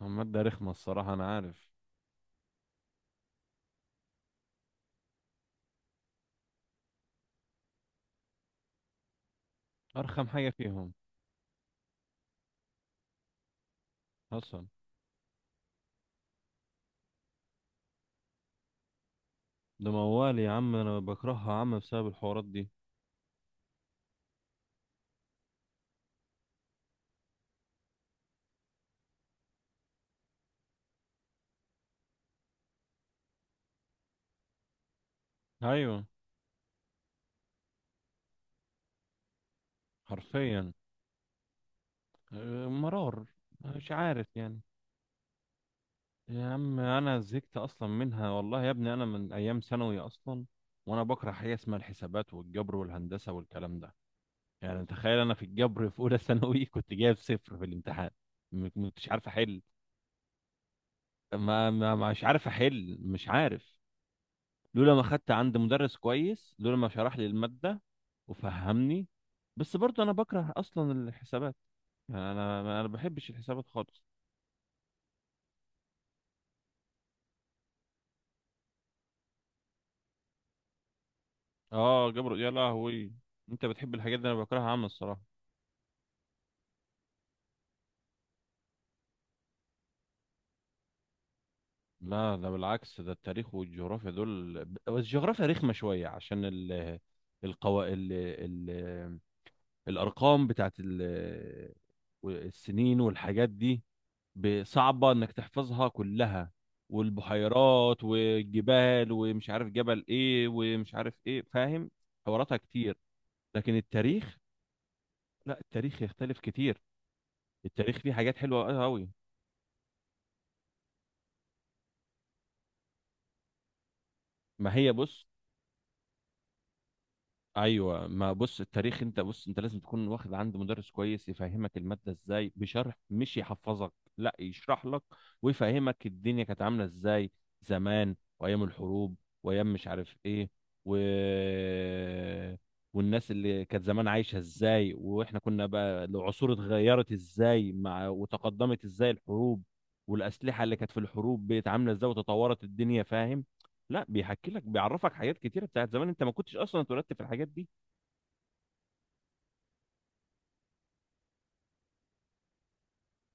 هم مادة رخمة، الصراحة أنا عارف. أرخم حاجة فيهم. أصلا ده موال يا عم، أنا بكرهها يا عم بسبب الحوارات دي. أيوة. حرفيا. مرار. مش عارف يعني. يا عم أنا زهقت أصلا منها، والله يا ابني أنا من أيام ثانوي أصلا. وأنا بكره حاجة اسمها الحسابات والجبر والهندسة والكلام ده. يعني تخيل أنا في الجبر في أولى ثانوي، كنت جايب صفر في الامتحان. مش عارف أحل. مش عارف أحل، مش عارف. لولا ما خدت عند مدرس كويس، لولا ما شرح لي المادة وفهمني. بس برضه انا بكره اصلا الحسابات. يعني انا ما بحبش الحسابات خالص. اه جبر يا لهوي. انت بتحب الحاجات دي، انا بكرهها عامة الصراحة. لا ده بالعكس، ده التاريخ والجغرافيا دول، بس الجغرافيا رخمة شوية عشان ال القوا... ال... ال... الارقام بتاعت السنين والحاجات دي. صعبة انك تحفظها كلها. والبحيرات والجبال ومش عارف جبل ايه ومش عارف ايه فاهم. حواراتها كتير. لكن التاريخ، لا التاريخ يختلف كتير. التاريخ فيه حاجات حلوة قوي. ما هي بص. ايوه ما بص، التاريخ انت بص، انت لازم تكون واخد عند مدرس كويس يفهمك الماده ازاي بشرح، مش يحفظك. لا يشرح لك ويفهمك الدنيا كانت عامله ازاي زمان، وايام الحروب وايام مش عارف ايه، و... والناس اللي كانت زمان عايشه ازاي، واحنا كنا بقى العصور اتغيرت ازاي مع وتقدمت ازاي الحروب، والاسلحه اللي كانت في الحروب بقت عامله ازاي وتطورت الدنيا فاهم. لا بيحكي لك، بيعرفك حاجات كتيره بتاعت زمان، انت ما كنتش اصلا اتولدت في الحاجات دي.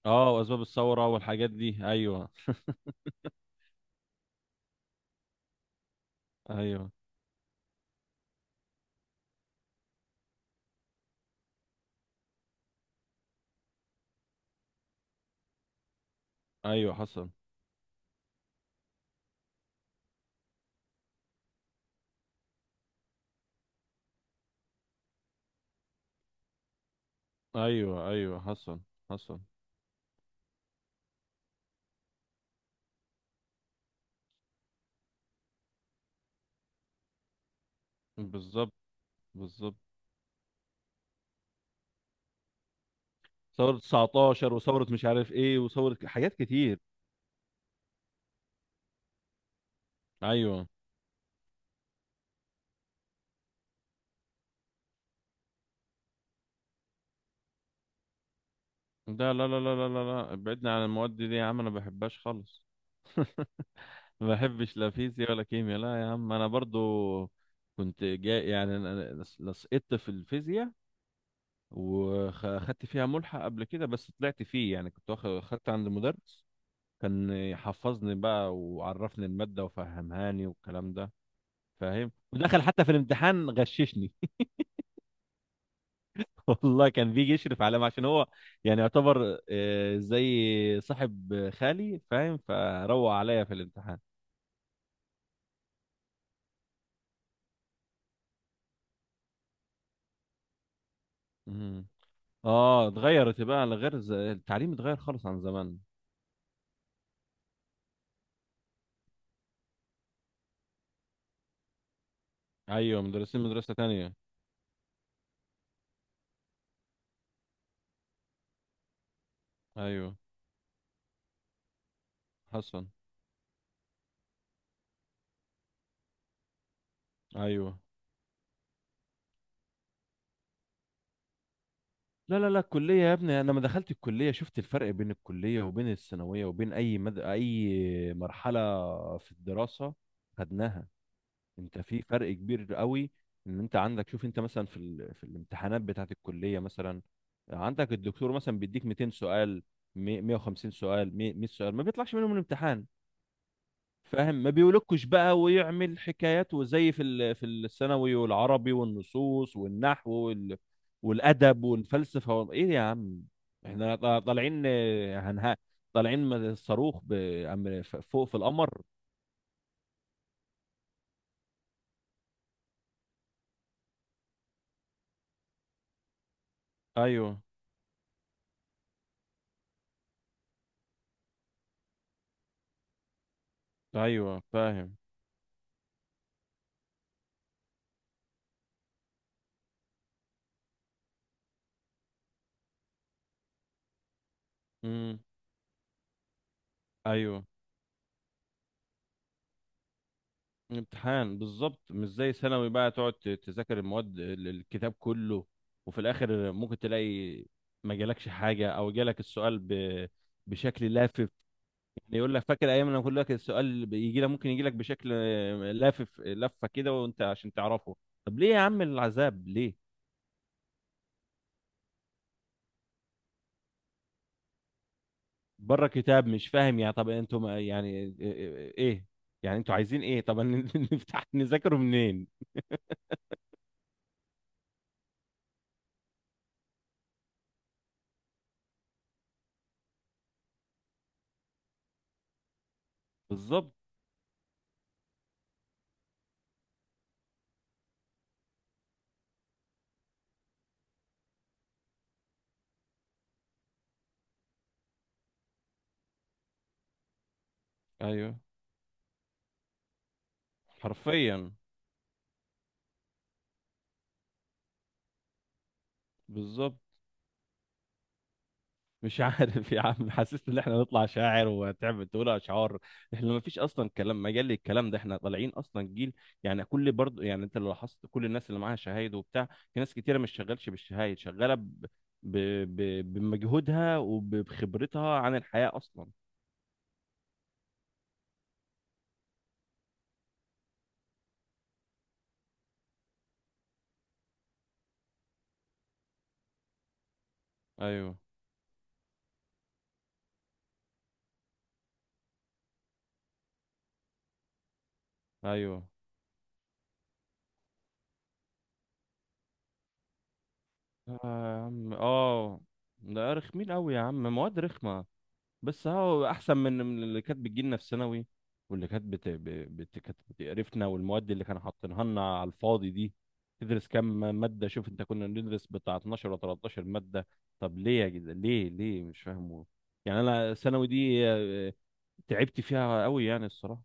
اه واسباب الثوره والحاجات دي ايوه. ايوه، ايوه، حصل. ايوه، ايوه، حصل. حصل. بالظبط. بالظبط. ثوره 19 وثوره مش عارف ايه وثوره حاجات كتير. ايوه. ده لا لا لا لا لا لا، ابعدنا عن المواد دي يا عم، انا ما بحبهاش خالص. ما بحبش لا فيزياء ولا كيمياء، لا يا عم انا برضو كنت جاي، يعني أنا لصقت في الفيزياء وخدت فيها ملحق قبل كده، بس طلعت فيه. يعني كنت واخد خدت عند مدرس كان يحفظني بقى وعرفني المادة وفهمهاني والكلام ده فاهم، ودخل حتى في الامتحان غششني. والله كان بيجي يشرف عليا عشان هو يعني يعتبر زي صاحب خالي فاهم، فروق عليا في الامتحان. مم. اه اتغيرت بقى لغير التعليم اتغير خالص عن زمان. ايوه مدرسين مدرسة تانية. ايوه حسن. ايوه. لا لا لا الكلية يا ابني، أنا لما دخلت الكلية شفت الفرق بين الكلية وبين الثانوية وبين أي أي مرحلة في الدراسة. خدناها. أنت في فرق كبير قوي، إن أنت عندك شوف، أنت مثلا في في الامتحانات بتاعة الكلية مثلا عندك الدكتور مثلا بيديك 200 سؤال، 150 سؤال، 100 سؤال، ما بيطلعش منهم الامتحان فاهم. ما بيقولكش بقى ويعمل حكايات، وزي في الثانوي والعربي والنصوص والنحو والادب والفلسفه ايه يا عم. احنا طالعين هنها، طالعين من الصاروخ فوق في القمر. ايوه ايوه فاهم. امم. ايوه امتحان بالظبط، مش زي ثانوي بقى تقعد تذاكر المواد الكتاب كله، وفي الاخر ممكن تلاقي ما جالكش حاجه او جالك السؤال بشكل لافف. يعني يقول لك فاكر ايام لما كل لك السؤال بيجي لك، ممكن يجي لك بشكل لافف لفه كده، وانت عشان تعرفه. طب ليه يا عم العذاب ليه. بره كتاب مش فاهم، يعني طب انتوا يعني ايه. يعني انتوا عايزين ايه طب، نفتح نذاكره منين. بالظبط. ايوه حرفيا. بالظبط. مش عارف يا عم حسست ان احنا نطلع شاعر وتعمل تقول اشعار. احنا ما فيش اصلا كلام مجال للكلام ده، احنا طالعين اصلا جيل. يعني كل برضه، يعني انت لو لاحظت كل الناس اللي معاها شهايد وبتاع، في ناس كتيره مش شغالش بالشهايد، شغاله ب... بمجهودها وبخبرتها عن الحياه اصلا. ايوه ايوه. اه يا عم، آه. ده رخمين قوي يا عم، مواد رخمه. بس هو احسن من اللي كانت بتجيلنا في ثانوي، واللي كانت كانت بتقرفنا، والمواد اللي كانوا حاطينها لنا على الفاضي دي. تدرس كام ماده، شوف انت كنا بندرس بتاع 12 ولا 13 ماده. طب ليه يا جدع ليه، ليه مش فاهمه. يعني انا ثانوي دي تعبت فيها قوي يعني الصراحه.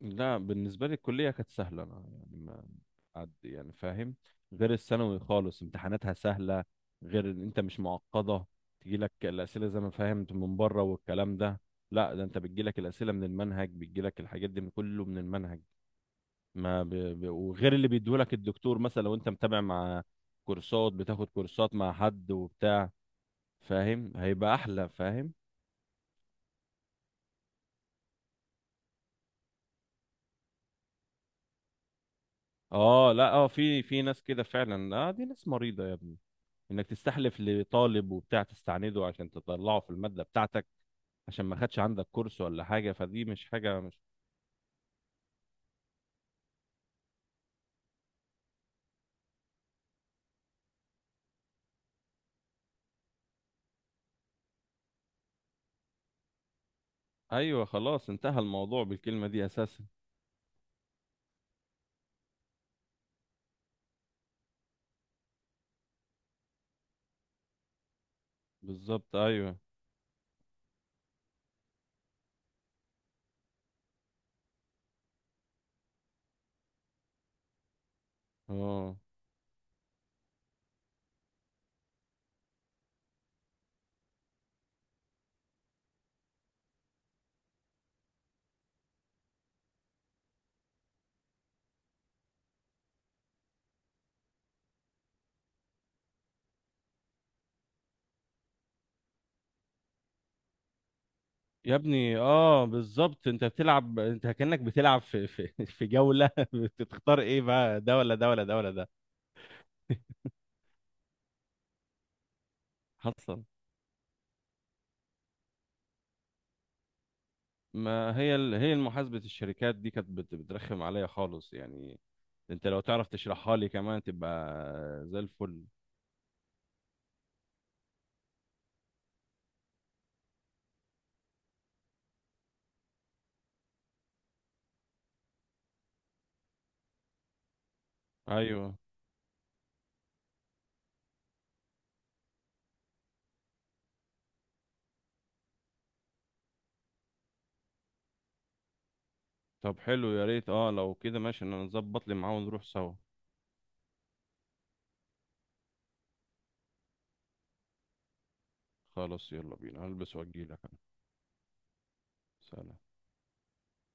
لا بالنسبة لي الكلية كانت سهلة أنا يعني ما عد يعني فاهم، غير الثانوي خالص امتحاناتها سهلة. غير إن أنت مش معقدة، تجيلك الأسئلة زي ما فهمت من بره والكلام ده. لا ده أنت بتجيلك الأسئلة من المنهج، بتجيلك الحاجات دي من كله من المنهج. ما ب... ب... وغير اللي بيديهولك الدكتور مثلا لو أنت متابع مع كورسات، بتاخد كورسات مع حد وبتاع فاهم، هيبقى أحلى فاهم. اه لا اه في ناس كده فعلا اه، دي ناس مريضة يا ابني. انك تستحلف لطالب وبتاع، تستعنده عشان تطلعه في المادة بتاعتك عشان ما خدش عندك كورس ولا حاجة، فدي مش حاجة مش. ايوه خلاص انتهى الموضوع بالكلمة دي اساسا. بالظبط ايوه. اه يا ابني اه بالظبط، انت بتلعب، انت كأنك بتلعب في جولة. بتختار ايه بقى، ده ولا ده ولا ده ولا ده؟ حصل. ما هي هي محاسبة الشركات دي كانت بترخم عليا خالص يعني، انت لو تعرف تشرحها لي كمان تبقى زي الفل. ايوه. طب حلو يا ريت، اه لو كده ماشي انا نظبط لي معاه ونروح سوا. خلاص يلا بينا، هلبس واجيلك انا. سلام.